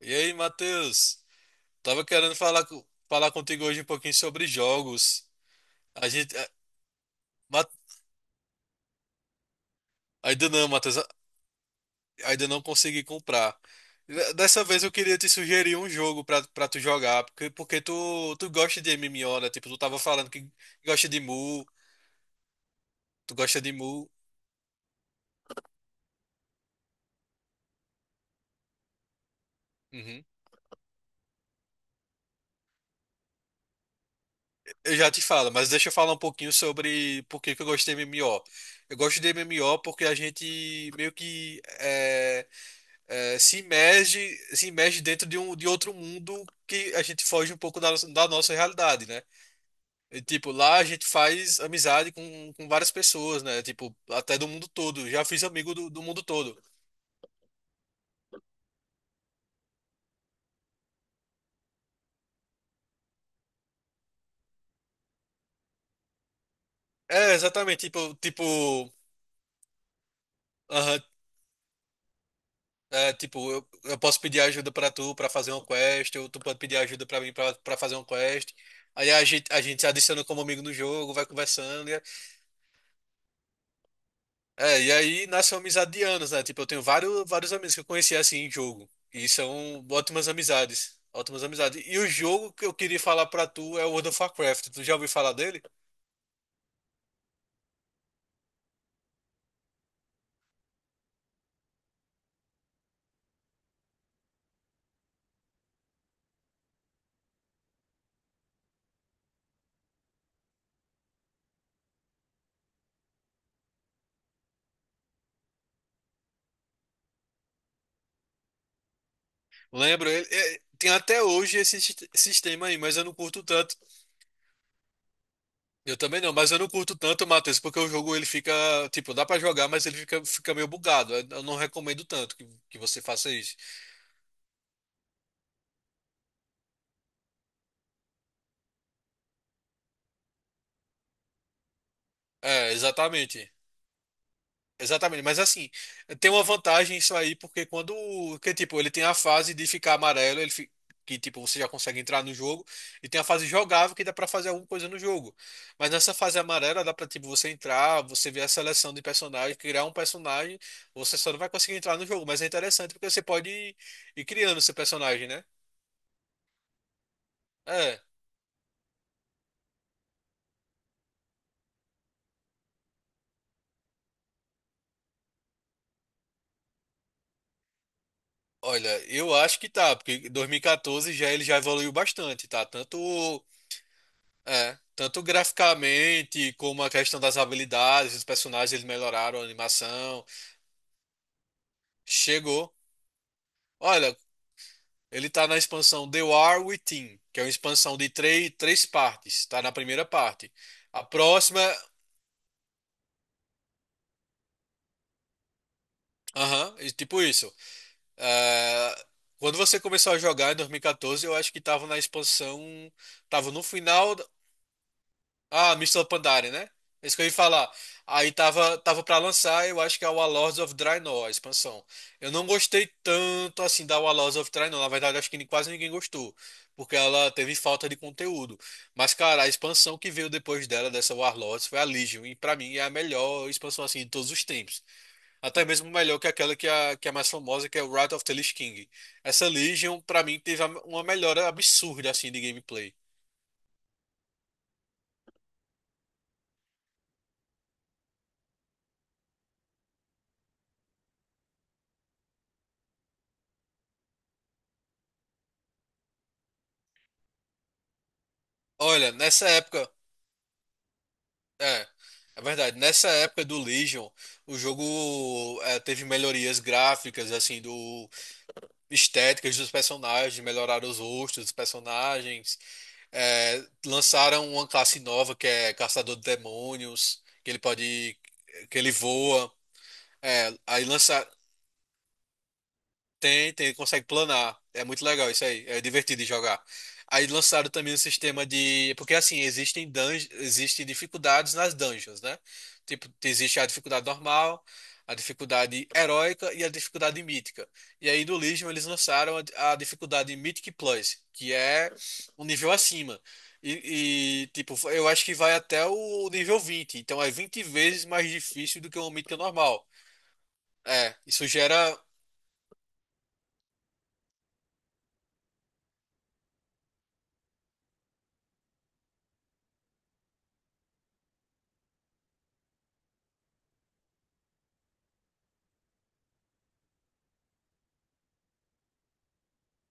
E aí, Matheus? Tava querendo falar, falar contigo hoje um pouquinho sobre jogos. A gente, a- Ma- ainda não, Matheus, ainda não consegui comprar. Dessa vez eu queria te sugerir um jogo pra tu jogar, porque tu gosta de MMO, né? Tipo, tu tava falando que gosta de Mu, tu gosta de Mu. Uhum. Eu já te falo, mas deixa eu falar um pouquinho sobre por que que eu gosto de MMO. Eu gosto de MMO porque a gente meio que é, se imerge, se imerge dentro de de outro mundo que a gente foge um pouco da nossa realidade, né? E, tipo, lá a gente faz amizade com várias pessoas, né? Tipo, até do mundo todo. Já fiz amigo do mundo todo. É, exatamente. Tipo, aham, é, tipo, eu posso pedir ajuda pra tu pra fazer uma quest, ou tu pode pedir ajuda pra mim pra fazer uma quest. Aí a gente se adiciona como amigo no jogo, vai conversando. É, e aí nasceu amizade de anos, né? Tipo, eu tenho vários, vários amigos que eu conheci assim em jogo. E são ótimas amizades. Ótimas amizades. E o jogo que eu queria falar pra tu é o World of Warcraft. Tu já ouviu falar dele? Lembro, ele é, tem até hoje esse sistema aí, mas eu não curto tanto. Eu também não, mas eu não curto tanto, Matheus, porque o jogo ele fica, tipo, dá pra jogar, mas ele fica, meio bugado. Eu não recomendo tanto que você faça isso. É, exatamente. Exatamente, mas assim, tem uma vantagem isso aí, porque que tipo, ele tem a fase de ficar amarelo, que tipo, você já consegue entrar no jogo, e tem a fase jogável que dá pra fazer alguma coisa no jogo. Mas nessa fase amarela dá pra tipo você entrar, você ver a seleção de personagens, criar um personagem, você só não vai conseguir entrar no jogo, mas é interessante porque você pode ir criando seu personagem, né? É. Olha, eu acho que tá, porque 2014 já ele já evoluiu bastante, tá? Tanto É, tanto graficamente como a questão das habilidades, os personagens eles melhoraram a animação. Chegou. Olha, ele tá na expansão The War Within, que é uma expansão de três partes. Tá na primeira parte. A próxima, aham, e tipo isso. É, quando você começou a jogar em 2014, eu acho que tava na expansão, tava no final. Ah, Mister Pandaren, né? É isso que eu ia falar. Aí tava, pra lançar, eu acho que é o Warlords of Draenor, a expansão. Eu não gostei tanto assim da Warlords of Draenor. Na verdade, acho que quase ninguém gostou. Porque ela teve falta de conteúdo. Mas, cara, a expansão que veio depois dela, dessa Warlords, foi a Legion. E pra mim é a melhor expansão assim de todos os tempos. Até mesmo melhor que aquela que é a mais famosa, que é o Wrath of the Lich King. Essa Legion, pra mim, teve uma melhora absurda assim de gameplay. Olha, nessa época. É, é verdade. Nessa época do Legion, o jogo é, teve melhorias gráficas, assim, do estéticas dos personagens, melhoraram os rostos dos personagens, é, lançaram uma classe nova que é Caçador de Demônios, que ele voa. É, tem, consegue planar. É muito legal isso aí. É divertido de jogar. Aí lançaram também um sistema de. Porque assim, existem existem dificuldades nas dungeons, né? Tipo, existe a dificuldade normal, a dificuldade heróica e a dificuldade mítica. E aí no Legion eles lançaram a dificuldade Mythic Plus, que é um nível acima. E, tipo, eu acho que vai até o nível 20. Então é 20 vezes mais difícil do que uma mítica normal. É, isso gera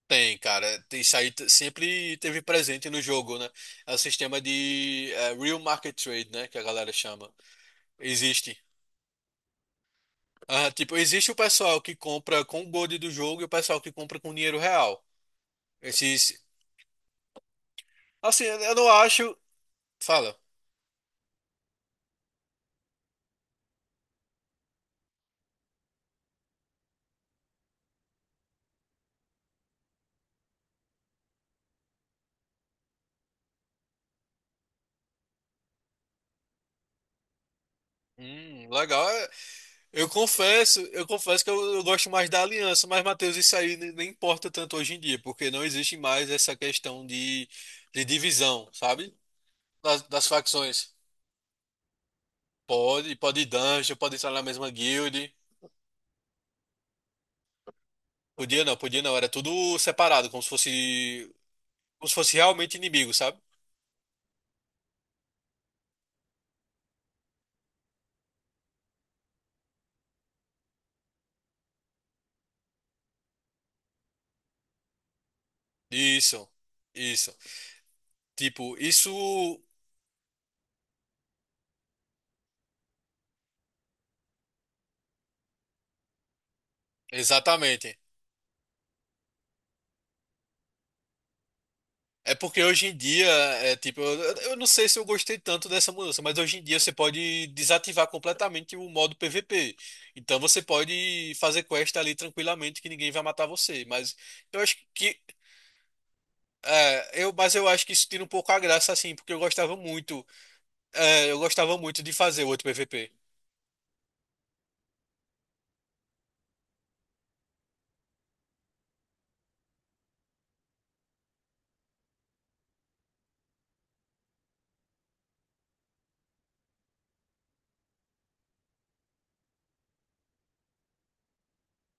tem, cara. Isso aí sempre teve presente no jogo, né? É o sistema de Real Market Trade, né? Que a galera chama. Existe. Ah, tipo, existe o pessoal que compra com o gold do jogo e o pessoal que compra com dinheiro real. Esses. Assim, eu não acho. Fala. Legal. É. Eu confesso que eu gosto mais da aliança, mas, Matheus, isso aí nem importa tanto hoje em dia, porque não existe mais essa questão de divisão, sabe? das facções. Pode, pode ir dungeon, pode entrar na mesma guild. Podia não, podia não. Era tudo separado, como se fosse realmente inimigo, sabe? Isso, isso. Tipo, isso. Exatamente. É porque hoje em dia, é tipo, eu não sei se eu gostei tanto dessa mudança, mas hoje em dia você pode desativar completamente o modo PVP. Então você pode fazer quest ali tranquilamente que ninguém vai matar você. Mas eu acho que. É, mas eu acho que isso tira um pouco a graça, assim, porque eu gostava muito. É, eu gostava muito de fazer o outro PVP.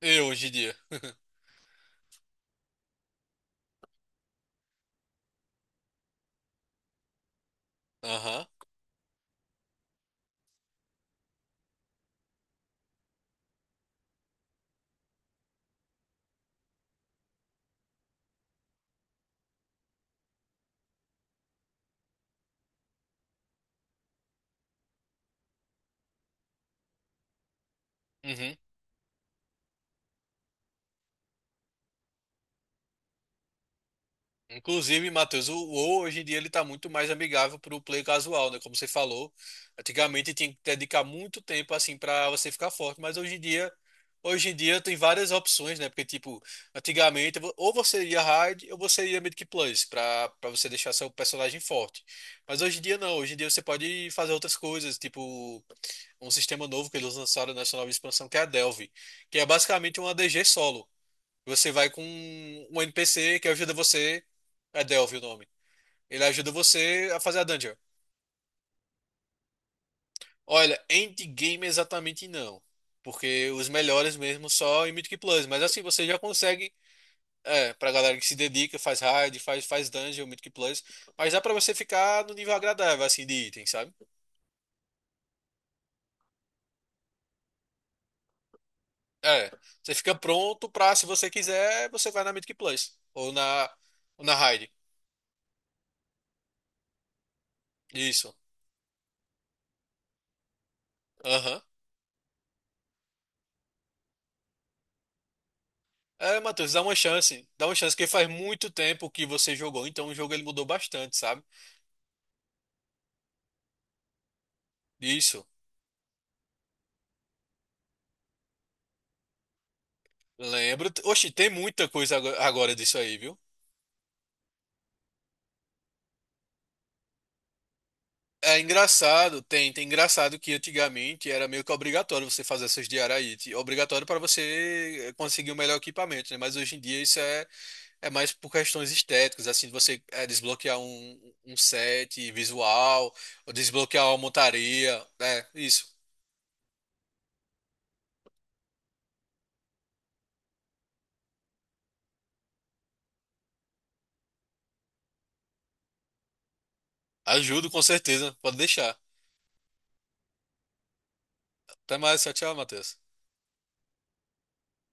Eu hoje em dia. Aham. Uhum. Inclusive, Matheus, o WoW hoje em dia ele tá muito mais amigável para o play casual, né? Como você falou, antigamente tinha que dedicar muito tempo assim para você ficar forte, mas hoje em dia, tem várias opções, né? Porque tipo, antigamente ou você ia hard ou você ia mid plus para você deixar seu personagem forte. Mas hoje em dia não, hoje em dia você pode fazer outras coisas, tipo um sistema novo que eles lançaram nessa nova expansão que é a Delve, que é basicamente uma DG solo. Você vai com um NPC que ajuda você. É Delve o nome. Ele ajuda você a fazer a dungeon. Olha, endgame exatamente não. Porque os melhores mesmo só em Mythic Plus. Mas assim, você já consegue. É, pra galera que se dedica, faz raid, faz dungeon, Mythic Plus. Mas dá pra você ficar no nível agradável, assim, de item, sabe? É. Você fica pronto pra, se você quiser, você vai na Mythic Plus. Ou na raid. Isso. Aham. É, Matheus, dá uma chance. Dá uma chance, porque faz muito tempo que você jogou, então o jogo ele mudou bastante, sabe? Isso. Lembro. Oxe, tem muita coisa agora disso aí, viu? É engraçado, tem engraçado que antigamente era meio que obrigatório você fazer essas diaraíte, obrigatório para você conseguir o melhor equipamento, né? Mas hoje em dia isso é, mais por questões estéticas, assim, de você desbloquear um set visual, ou desbloquear uma montaria, né? Isso. Ajudo com certeza, pode deixar. Até mais, tchau, tchau, Matheus.